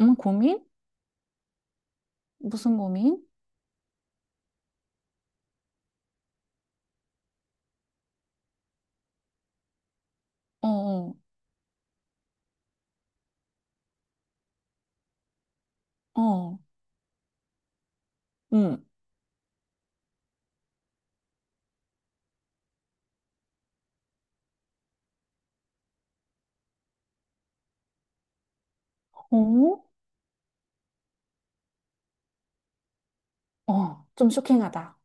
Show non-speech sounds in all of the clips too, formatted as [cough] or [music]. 응, 고민? 무슨 고민? 어, 어, 어, 응, 어, 어, 좀 쇼킹하다.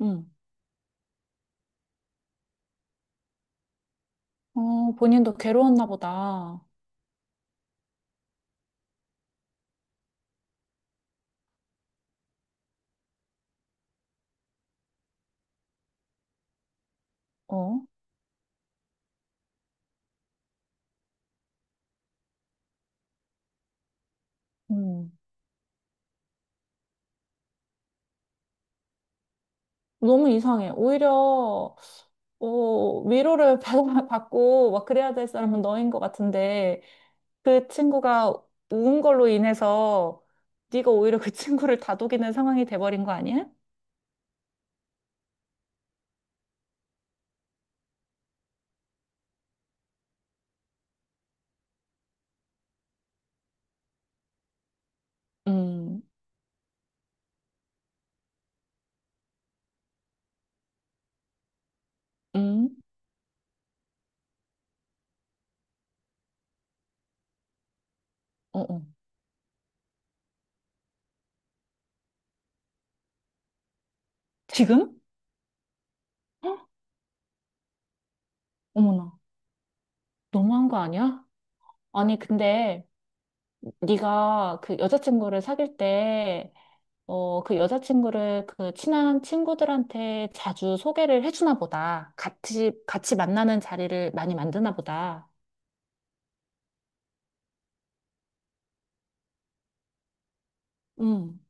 응, 어, 본인도 괴로웠나 보다. 어, 음, 너무 이상해. 오히려, 어, 위로를 [laughs] 받고 막 그래야 될 사람은 너인 것 같은데, 그 친구가 운 걸로 인해서 네가 오히려 그 친구를 다독이는 상황이 돼버린 거 아니야? 음, 음, 어, 어. 지금? 헉, 어머나, 너무한 거 아니야? 아니, 근데 네가 그 여자친구를 사귈 때, 어, 그 여자친구를 그 친한 친구들한테 자주 소개를 해주나 보다. 같이, 같이 만나는 자리를 많이 만드나 보다. 음.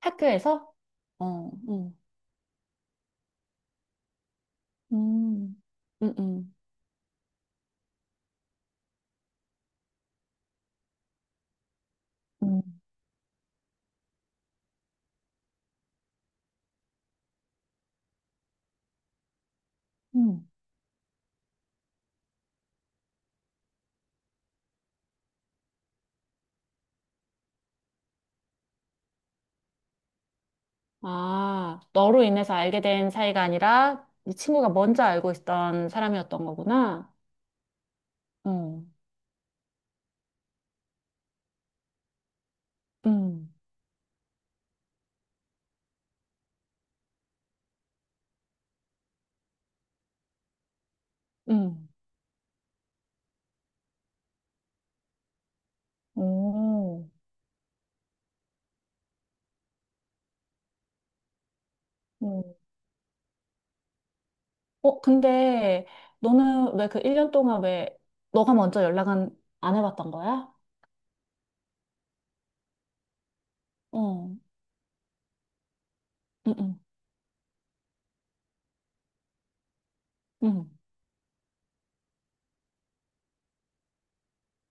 학교에서? 어, 응, 음, 음 음, 음. 아, 너로 인해서 알게 된 사이가 아니라 이 친구가 먼저 알고 있던 사람이었던 거구나. 어, 응, 응. 오, 음. 어, 근데 너는 왜 그 1년 동안 왜 너가 먼저 연락은 안 해봤던 거야? 어, 응, 응, 응.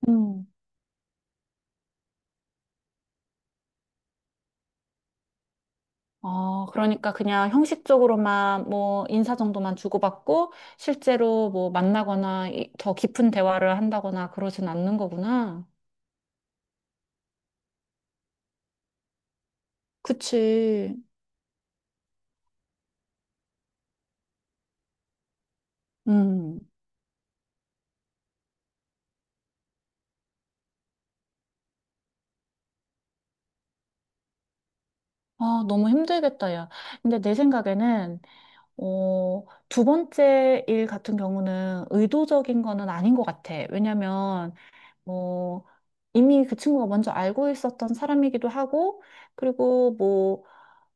음, 어, 그러니까 그냥 형식적으로만 뭐 인사 정도만 주고받고 실제로 뭐 만나거나 더 깊은 대화를 한다거나 그러진 않는 거구나. 그치. 음. 아, 너무 힘들겠다, 야. 근데 내 생각에는, 어, 두 번째 일 같은 경우는 의도적인 거는 아닌 것 같아. 왜냐면, 뭐, 이미 그 친구가 먼저 알고 있었던 사람이기도 하고, 그리고 뭐,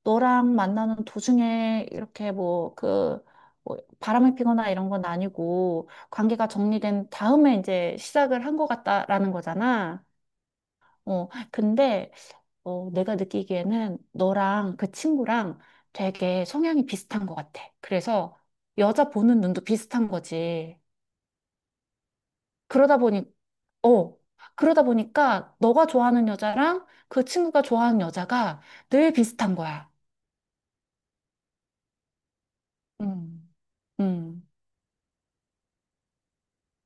너랑 만나는 도중에 이렇게 뭐, 그, 뭐 바람을 피거나 이런 건 아니고, 관계가 정리된 다음에 이제 시작을 한 것 같다라는 거잖아. 어, 근데, 어, 내가 느끼기에는 너랑 그 친구랑 되게 성향이 비슷한 것 같아. 그래서 여자 보는 눈도 비슷한 거지. 그러다 보니 어. 그러다 보니까 너가 좋아하는 여자랑 그 친구가 좋아하는 여자가 늘 비슷한 거야. 음, 음.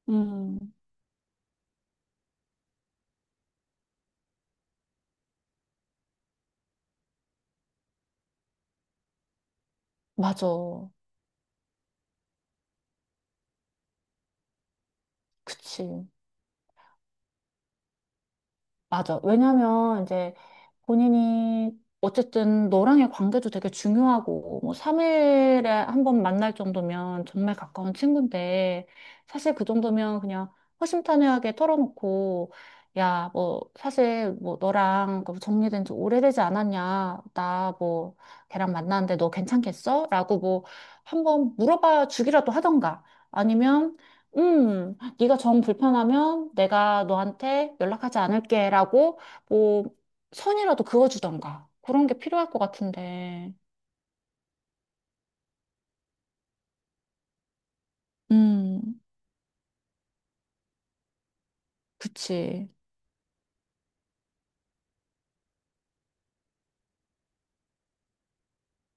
음, 맞아. 그치. 맞아. 왜냐면 이제 본인이 어쨌든 너랑의 관계도 되게 중요하고 뭐 3일에 한 번 만날 정도면 정말 가까운 친구인데 사실 그 정도면 그냥 허심탄회하게 털어놓고 야, 뭐 사실 뭐 너랑 그 정리된 지 오래되지 않았냐? 나 뭐 걔랑 만났는데 너 괜찮겠어? 라고 뭐 한번 물어봐 주기라도 하던가 아니면 네가 정 불편하면 내가 너한테 연락하지 않을게라고 선이라도 그어주던가. 그런 게 필요할 것 같은데. 음, 그치.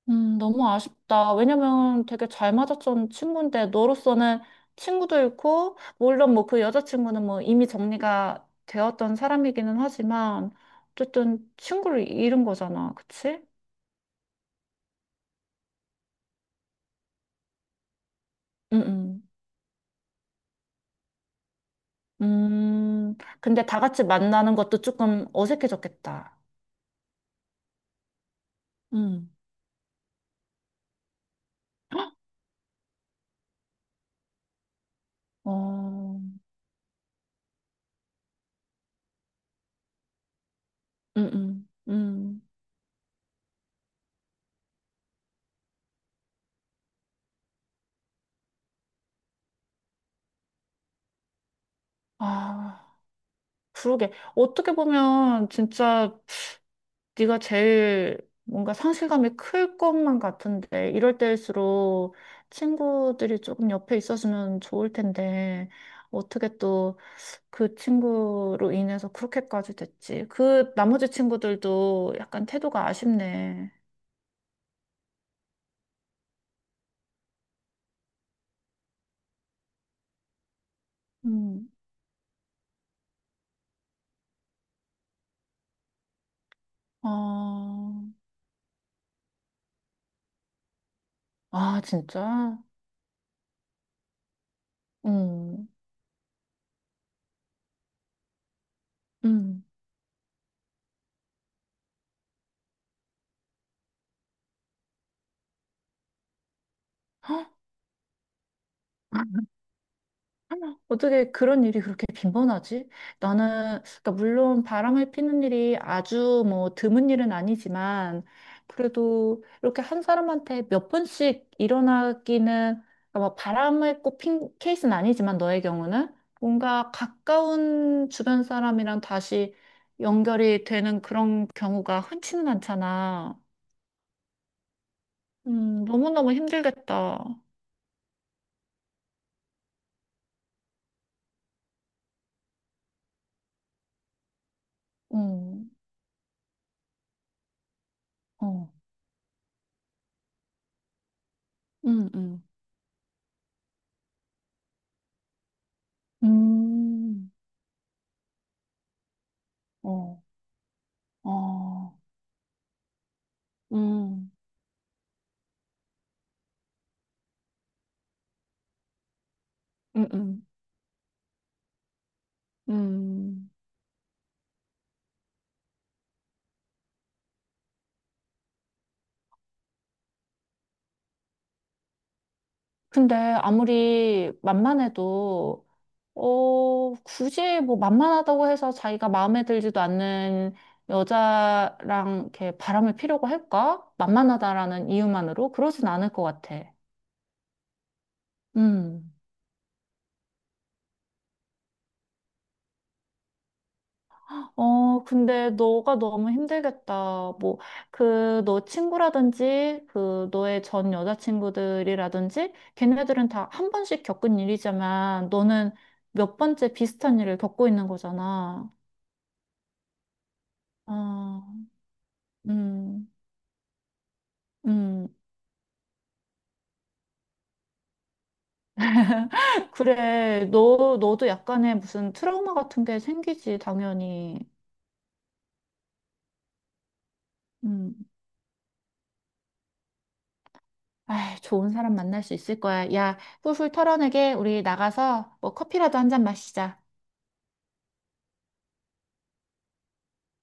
너무 아쉽다. 왜냐면 되게 잘 맞았던 친구인데, 너로서는 친구도 잃고, 물론 뭐 그 여자친구는 뭐 이미 정리가 되었던 사람이기는 하지만, 어쨌든 친구를 잃은 거잖아. 그치? 응, 응. 근데 다 같이 만나는 것도 조금 어색해졌겠다. 음. 어, 응, 응, 응. 아. 그러게. 어떻게 보면 진짜 네가 제일 뭔가 상실감이 클 것만 같은데 이럴 때일수록 친구들이 조금 옆에 있었으면 좋을 텐데 어떻게 또 그 친구로 인해서 그렇게까지 됐지? 그 나머지 친구들도 약간 태도가 아쉽네. 음. 아, 아 진짜? 음. 음. 헉? 어떻게 그런 일이 그렇게 빈번하지? 나는, 그러니까 물론 바람을 피는 일이 아주 뭐 드문 일은 아니지만, 그래도 이렇게 한 사람한테 몇 번씩 일어나기는, 그러니까 막 바람을 꼭 핀 케이스는 아니지만 너의 경우는 뭔가 가까운 주변 사람이랑 다시 연결이 되는 그런 경우가 흔치는 않잖아. 너무너무 힘들겠다. 음, 어, 음, 음. 음, 어. 어, 음, 음, 음, 음. 근데 아무리 만만해도, 어, 굳이 뭐 만만하다고 해서 자기가 마음에 들지도 않는 여자랑 이렇게 바람을 피려고 할까? 만만하다라는 이유만으로? 그러진 않을 것 같아. 음. 어, 근데 너가 너무 힘들겠다. 뭐, 그, 너 친구라든지, 그, 너의 전 여자친구들이라든지, 걔네들은 다 한 번씩 겪은 일이지만, 너는 몇 번째 비슷한 일을 겪고 있는 거잖아. 아, 음, 음. 그래, 너, 너도 약간의 무슨 트라우마 같은 게 생기지, 당연히. 음. 아이, 좋은 사람 만날 수 있을 거야. 야, 훌훌 털어내게, 우리 나가서 뭐 커피라도 한 잔 마시자.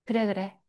그래, 그래.